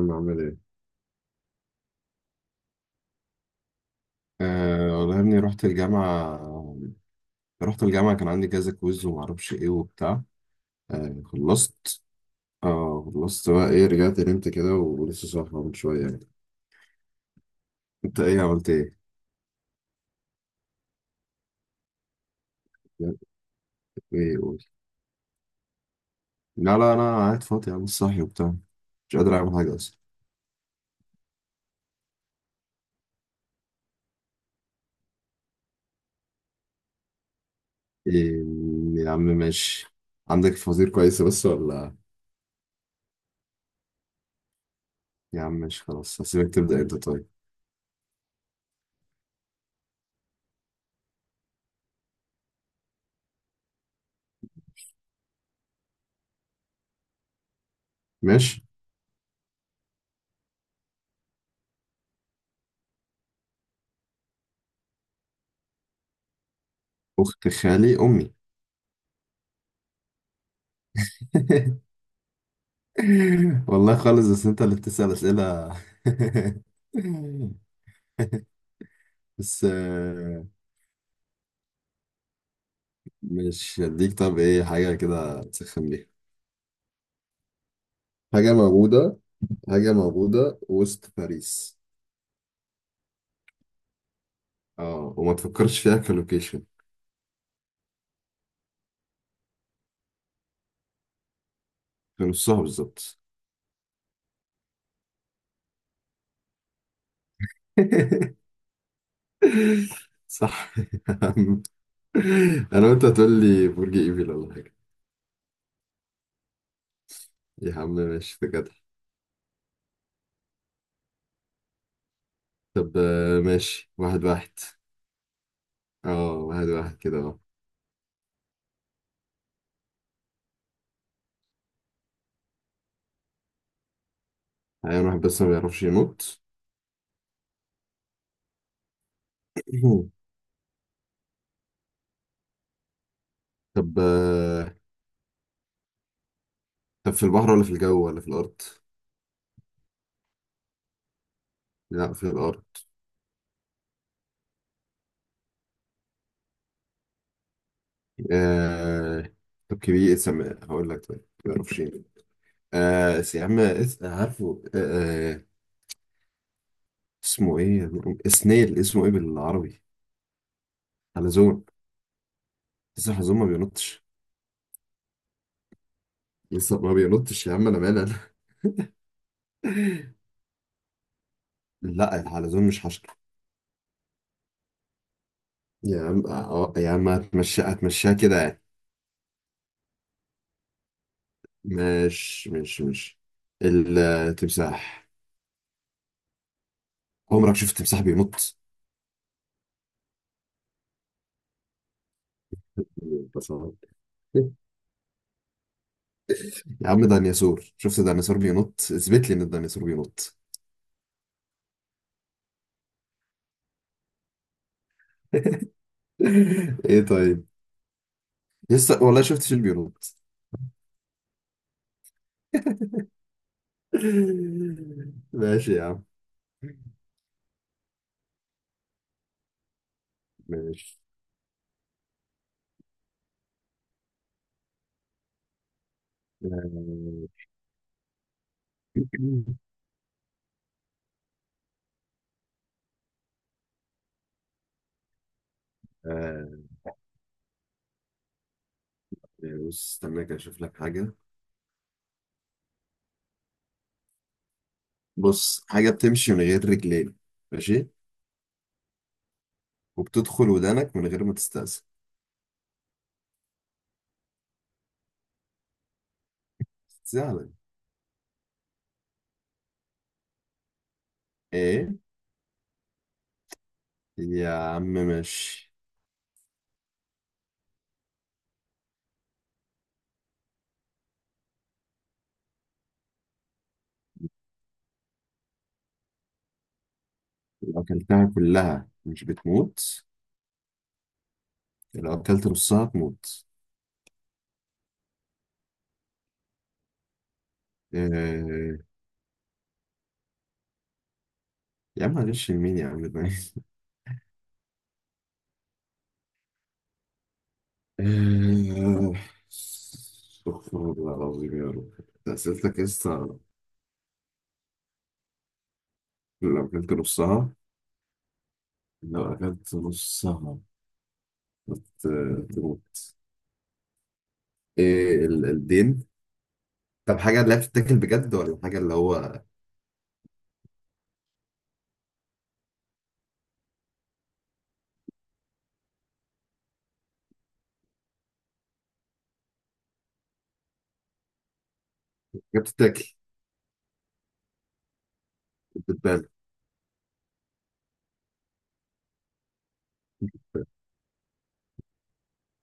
الجامعة عامل ايه؟ آه والله يا ابني رحت الجامعة. كان عندي كذا كويز ومعرفش ايه وبتاع. آه خلصت. اه خلصت بقى، ايه، رجعت نمت كده ولسه صاحي من شوية يعني. انت ايه عملت ايه؟ ايه قول. لا انا قاعد فاضي يا عم، صاحي وبتاع. مش قادر اعمل حاجة اصلا. إيه، يا عم ماشي. عندك فوازير كويسة بس ولا؟ يا عم ماشي، خلاص هسيبك تبدأ انت. طيب ماشي. أخت خالي أمي. والله خالص، بس انت اللي بتسأل أسئلة. بس مش هديك. طب ايه حاجة كده تسخن بيها؟ حاجة موجودة، حاجة موجودة وسط باريس. اه وما تفكرش فيها كلوكيشن. في نصها بالظبط. صح يا عم. انا وانت هتقول لي برج ايفل ولا حاجة. يا عم ماشي، ده جدع. طب ماشي، واحد واحد. اه واحد واحد كده، اه. حيوان واحد بس ما بيعرفش ينط. طب طب في البحر ولا في الجو ولا في الأرض؟ لا في الأرض. آه... طب كبير، اسم هقول لك، طيب ما اعرفش ايه. يا عم عارفه آه، اسمه ايه؟ سنيل اسمه ايه بالعربي؟ حلزون. لسه الحلزون ما بينطش. لسه ما بينطش يا عم، انا مالي انا. لا الحلزون مش حشرة. يا عم يا عم هتمشي هتمشيها كده يعني. مش التمساح. عمرك شفت تمساح بينط؟ ده صعب. يا عم ديناصور، شفت ديناصور بينط؟ اثبت لي ان الديناصور بينط. ايه طيب، لسه والله شفت شيل بينط. ماشي يا عم. ماشي. آه، آه، بص، استنى كده اشوف لك حاجة. بص، حاجة بتمشي من غير رجلين. ماشي. وبتدخل ودانك من غير ما تستأذن. سهلة. ايه. يا عم ماشي. لو اكلتها كلها مش بتموت، لو اكلت نصها تموت. آه. يا عم معلش، مين يا عم ده؟ آه. استغفر الله العظيم يا رب، ده أسئلتك لسه؟ لو أكلت نصها، لو أكلت نصها ت- تموت. إيه الدين. طب حاجة اللي هي بتتاكل بجد، ولا حاجة اللي هو. حاجة بتتاكل، بتتبان.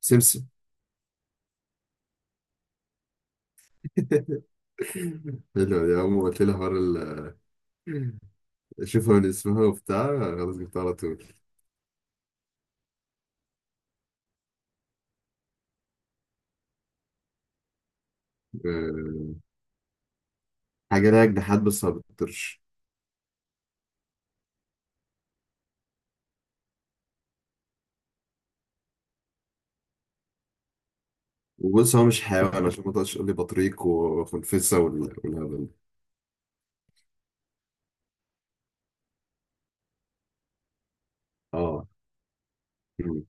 سمسم. حلو يا عم، قلت لي حوار شوفها من اسمها وبتاع. خلاص جبتها على طول. آه. حاجة ليها جناحات بس ما بتطيرش. وبص هو مش حيوان عشان ما تقعدش تقول لي بطريق وخنفسه والهبل ده. اه. مم.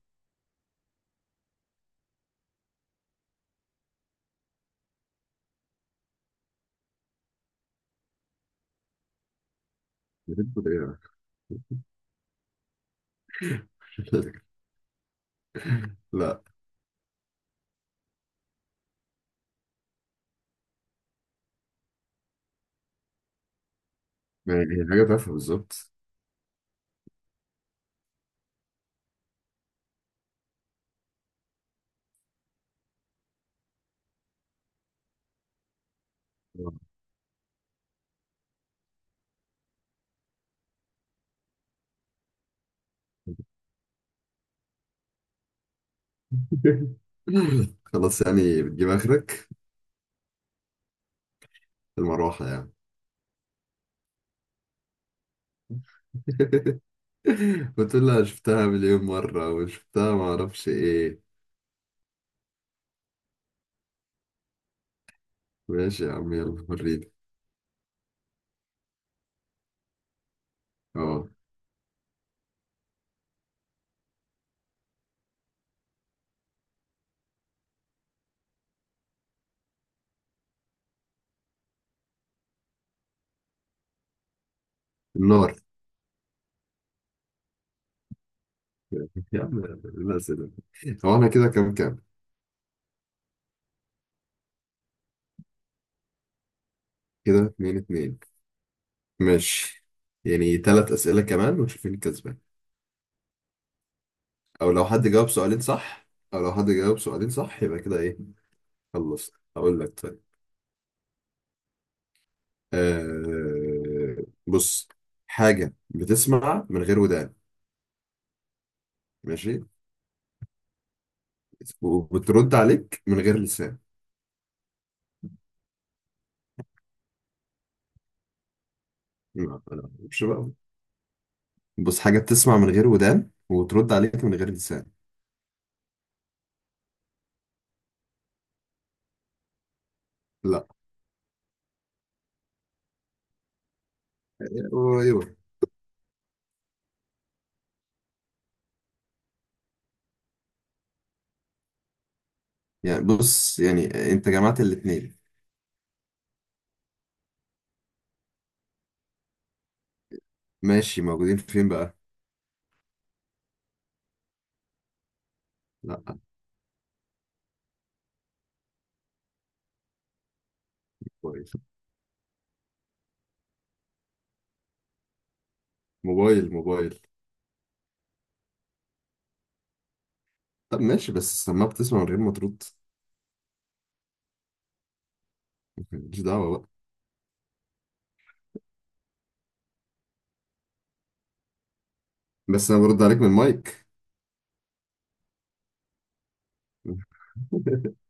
بتقول ايه؟ لا. يعني هي حاجه تافهه بالظبط. آه. خلاص، يعني بتجيب اخرك. المروحه يعني. بتقول لها شفتها مليون مره، وشفتها ما اعرفش ايه. ماشي يا عم، يلا وريني. اه. النار. يا عم الاسئله. هو احنا كده كام كام؟ كده اتنين اتنين. ماشي. يعني تلات اسئله كمان ونشوف مين الكسبان. او لو حد جاوب سؤالين صح، او لو حد جاوب سؤالين صح يبقى كده ايه. خلصت، هقول لك طيب. آه بص، حاجة بتسمع من غير ودان. ماشي. وبترد عليك من غير لسان. لا مش بقى. بص، حاجة بتسمع من غير ودان وترد عليك من غير لسان. لا. ايوه. يعني بص، يعني انت جمعت الاتنين. ماشي، موجودين فين بقى؟ لا. موبايل موبايل موبايل. طب ماشي، بس السماعة بتسمع من غير ما ترد. ماليش دعوة بقى. بس انا برد عليك من المايك.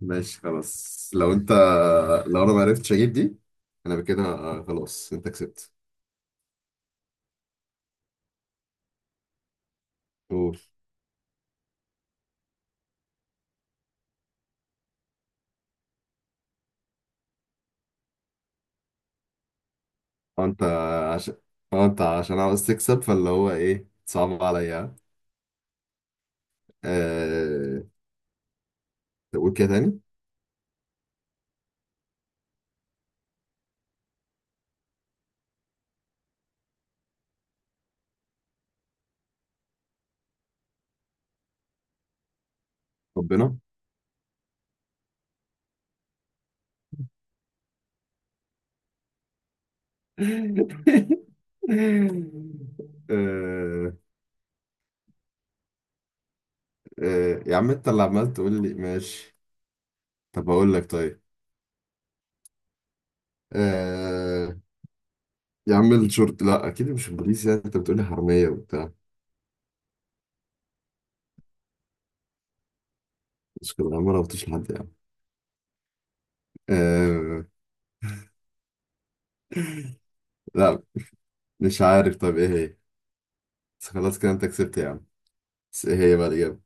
ماشي خلاص، لو انت، لو انا ما عرفتش اجيب دي، انا بكده. خلاص انت كسبت. قول. اه انت عشان اه انت عشان عاوز تكسب، فاللي هو ايه، صعب عليا. أه... تقول كده تاني. ربنا. أه. أه. يا عم انت اللي عمال تقول لي ماشي. طب اقول لك طيب. أه. يا عم الشورت، لا اكيد مش بوليس، يعني انت بتقولي حراميه وبتاع. مش كده، ما ربطش لحد يعني. أه. لا، مش عارف طب ايه هي، بس خلاص كده انت كسبت يا عم. بس ايه هي بقى الإجابة؟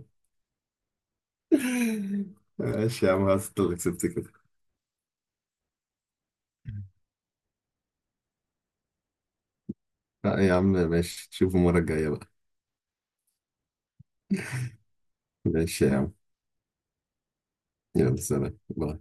ماشي يا عم خلاص، انت اللي كسبت كده. لا يا عم ماشي، تشوفوا المرة الجاية بقى. ماشي يا عم، يلا سلام باي.